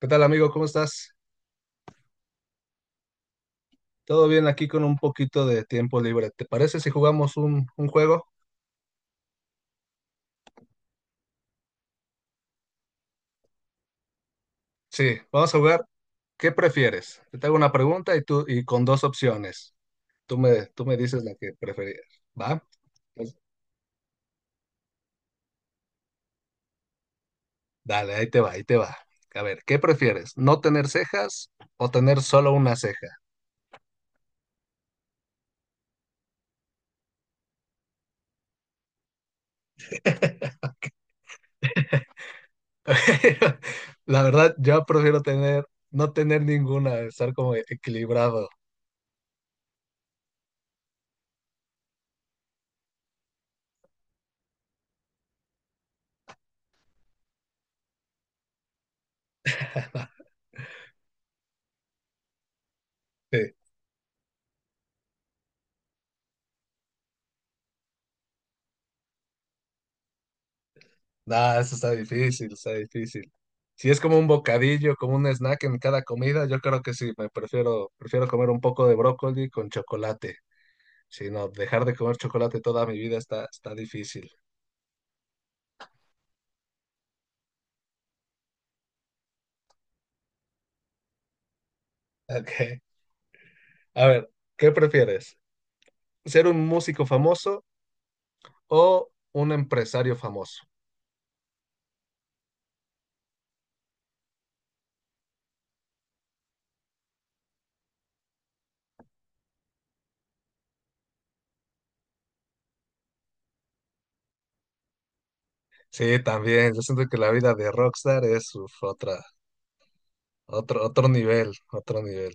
¿Qué tal, amigo? ¿Cómo estás? ¿Todo bien aquí con un poquito de tiempo libre? ¿Te parece si jugamos un juego? Sí, vamos a jugar. ¿Qué prefieres? Yo te hago una pregunta y tú con dos opciones. Tú me dices la que preferías. ¿Va? Pues, dale, ahí te va. A ver, ¿qué prefieres? ¿No tener cejas o tener solo una ceja? La verdad, yo prefiero no tener ninguna, estar como equilibrado. Sí. No, eso está difícil, está difícil. Si es como un bocadillo, como un snack en cada comida, yo creo que sí, prefiero comer un poco de brócoli con chocolate. Si no, dejar de comer chocolate toda mi vida está difícil. Ok. A ver, ¿qué prefieres? ¿Ser un músico famoso o un empresario famoso? Sí, también. Yo siento que la vida de rockstar es uf, otro nivel, otro nivel.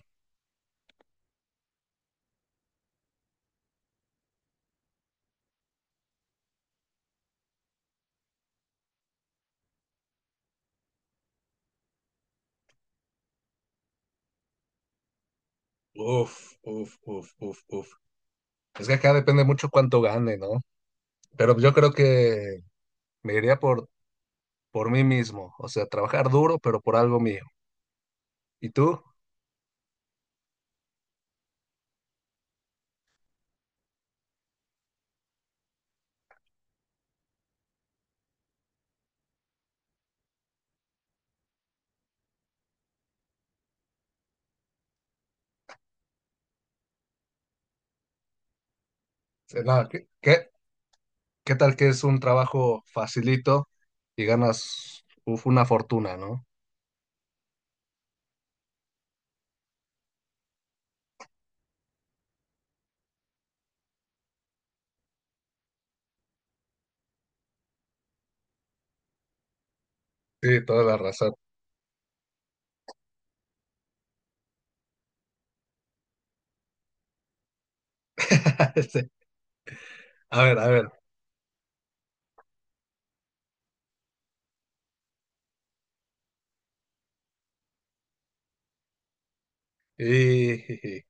Uf, uf, uf, uf, uf. Es que acá depende mucho cuánto gane, ¿no? Pero yo creo que me iría por mí mismo, o sea, trabajar duro, pero por algo mío. ¿Y tú? O nada, ¿qué tal que es un trabajo facilito y ganas uf, una fortuna, ¿no? Sí, toda la razón. Sí. A ver, a ver. Y,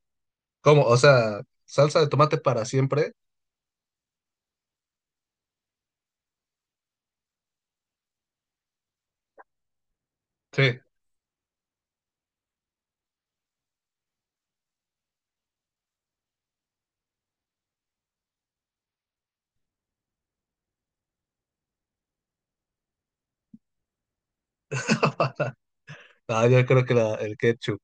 ¿cómo? O sea, salsa de tomate para siempre. Sí. No, yo creo que el ketchup,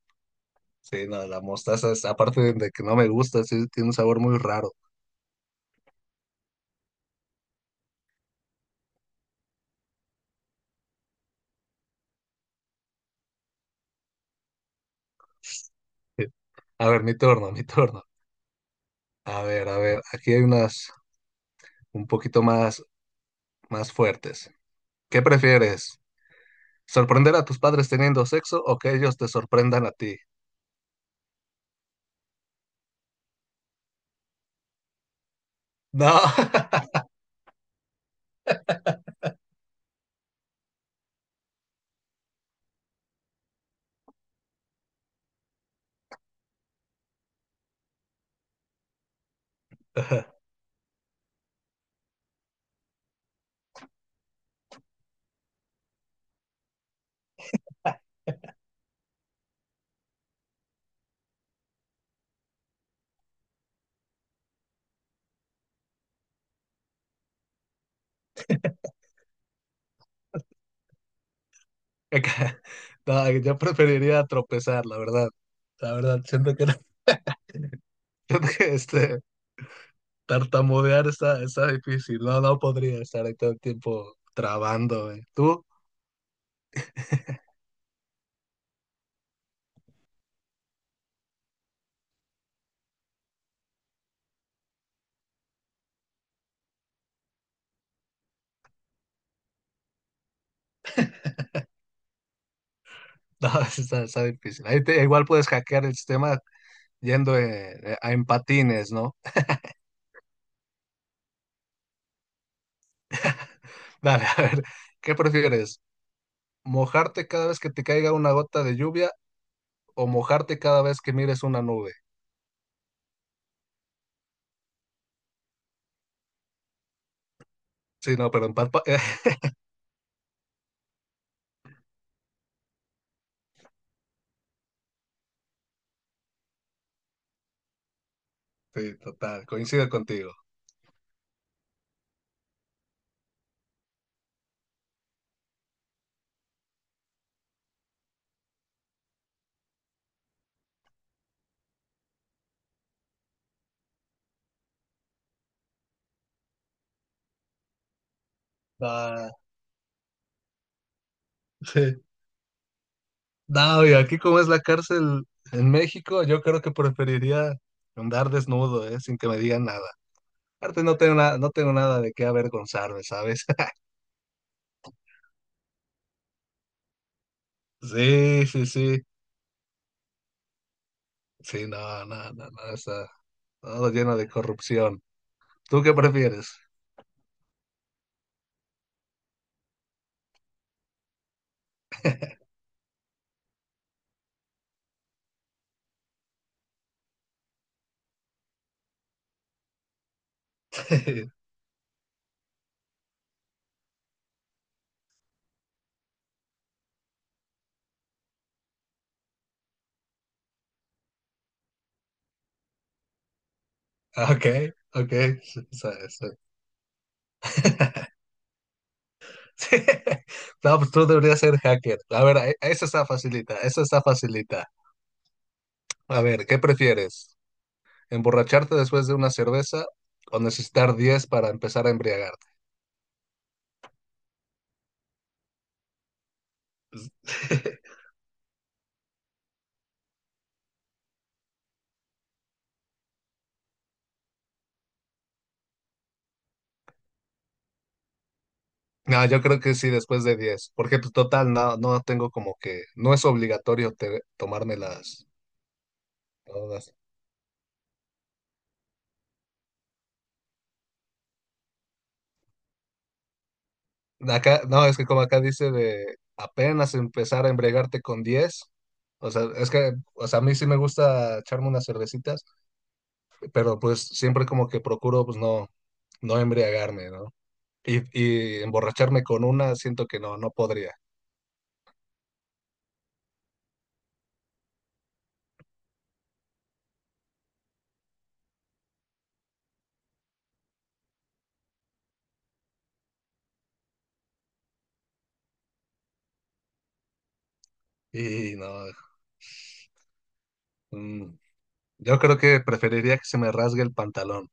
sí, no, la mostaza, es- aparte de que no me gusta, sí, tiene un sabor muy raro. Sí. A ver, mi turno. A ver, aquí hay unas un poquito más, más fuertes. ¿Qué prefieres? ¿Sorprender a tus padres teniendo sexo o que ellos te sorprendan a ti? No, acá- no, yo preferiría tropezar, la verdad. La verdad, siento que, no- siento que, tartamudear está, está difícil. No, no podría estar ahí todo el tiempo trabando. ¿Tú? No, está, está difícil. Igual puedes hackear el sistema yendo en patines, ¿no? Dale, a ver, ¿qué prefieres? Mojarte cada vez que te caiga una gota de lluvia o mojarte cada vez que mires una nube. Sí, no, pero empalpa. Sí, total, coincido contigo. Ah, sí. No, y aquí como es la cárcel en México, yo creo que preferiría andar desnudo, ¿eh? Sin que me digan nada. Aparte no tengo nada de qué avergonzarme, ¿sabes? Sí, sí, sí. Sí, no, no, no, no, está todo lleno de corrupción. ¿Tú qué prefieres? Ok, ok. Sí, sí, sí. Sí. No, pues tú deberías ser hacker. A ver, esa está facilita, esa está facilita. A ver, ¿qué prefieres? ¿Emborracharte después de una cerveza o necesitar 10 para empezar a embriagarte? No, yo creo que sí, después de 10, porque pues total, no, no tengo como que, no es obligatorio tomarme todas. Acá, no, es que como acá dice de apenas empezar a embriagarte con 10, o sea, a mí sí me gusta echarme unas cervecitas, pero pues siempre como que procuro no embriagarme, ¿no? Y emborracharme con una siento que no, no podría. Y no, mm, yo creo que preferiría que se me rasgue el pantalón.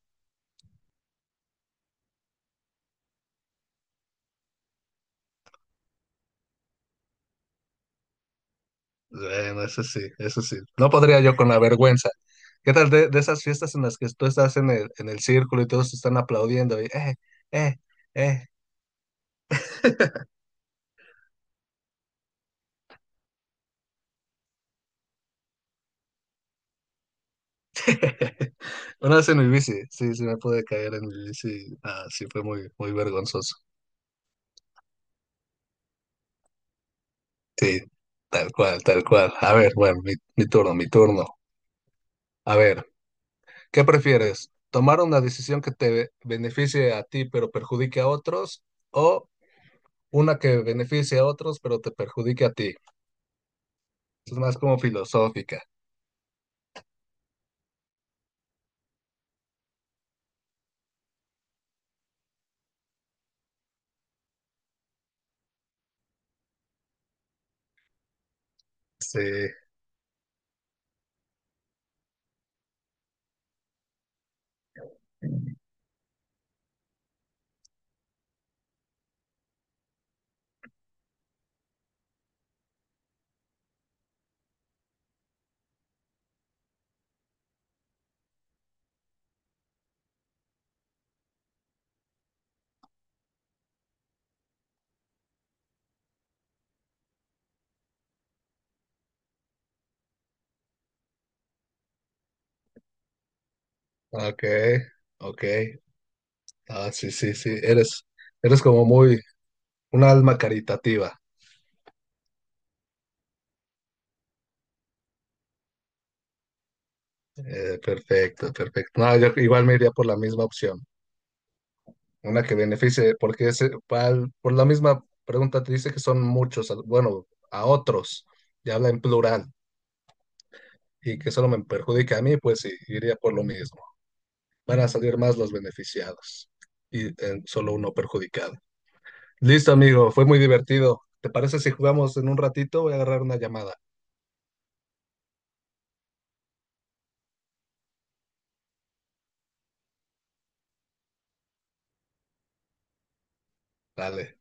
Bueno, eso sí, eso sí. No podría yo con la vergüenza. ¿Qué tal de esas fiestas en las que tú estás en en el círculo y todos te están aplaudiendo? Y, eh, eh. Una vez en mi bici, sí, sí me pude caer en mi bici. Ah, sí, fue muy, muy vergonzoso. Sí, tal cual, tal cual. A ver, bueno, mi turno. A ver, ¿qué prefieres? ¿Tomar una decisión que te beneficie a ti pero perjudique a otros o una que beneficie a otros pero te perjudique a ti? Es más como filosófica. Sí, ok, ok. Ah, sí, sí, sí. Eres como muy un alma caritativa. Perfecto, perfecto. No, yo igual me iría por la misma opción. Una que beneficie, porque por la misma pregunta te dice que son muchos, bueno, a otros, y habla en plural, y que solo me perjudica a mí, pues sí, iría por lo mismo. Van a salir más los beneficiados y solo uno perjudicado. Listo, amigo, fue muy divertido. ¿Te parece si jugamos en un ratito? Voy a agarrar una llamada. Dale.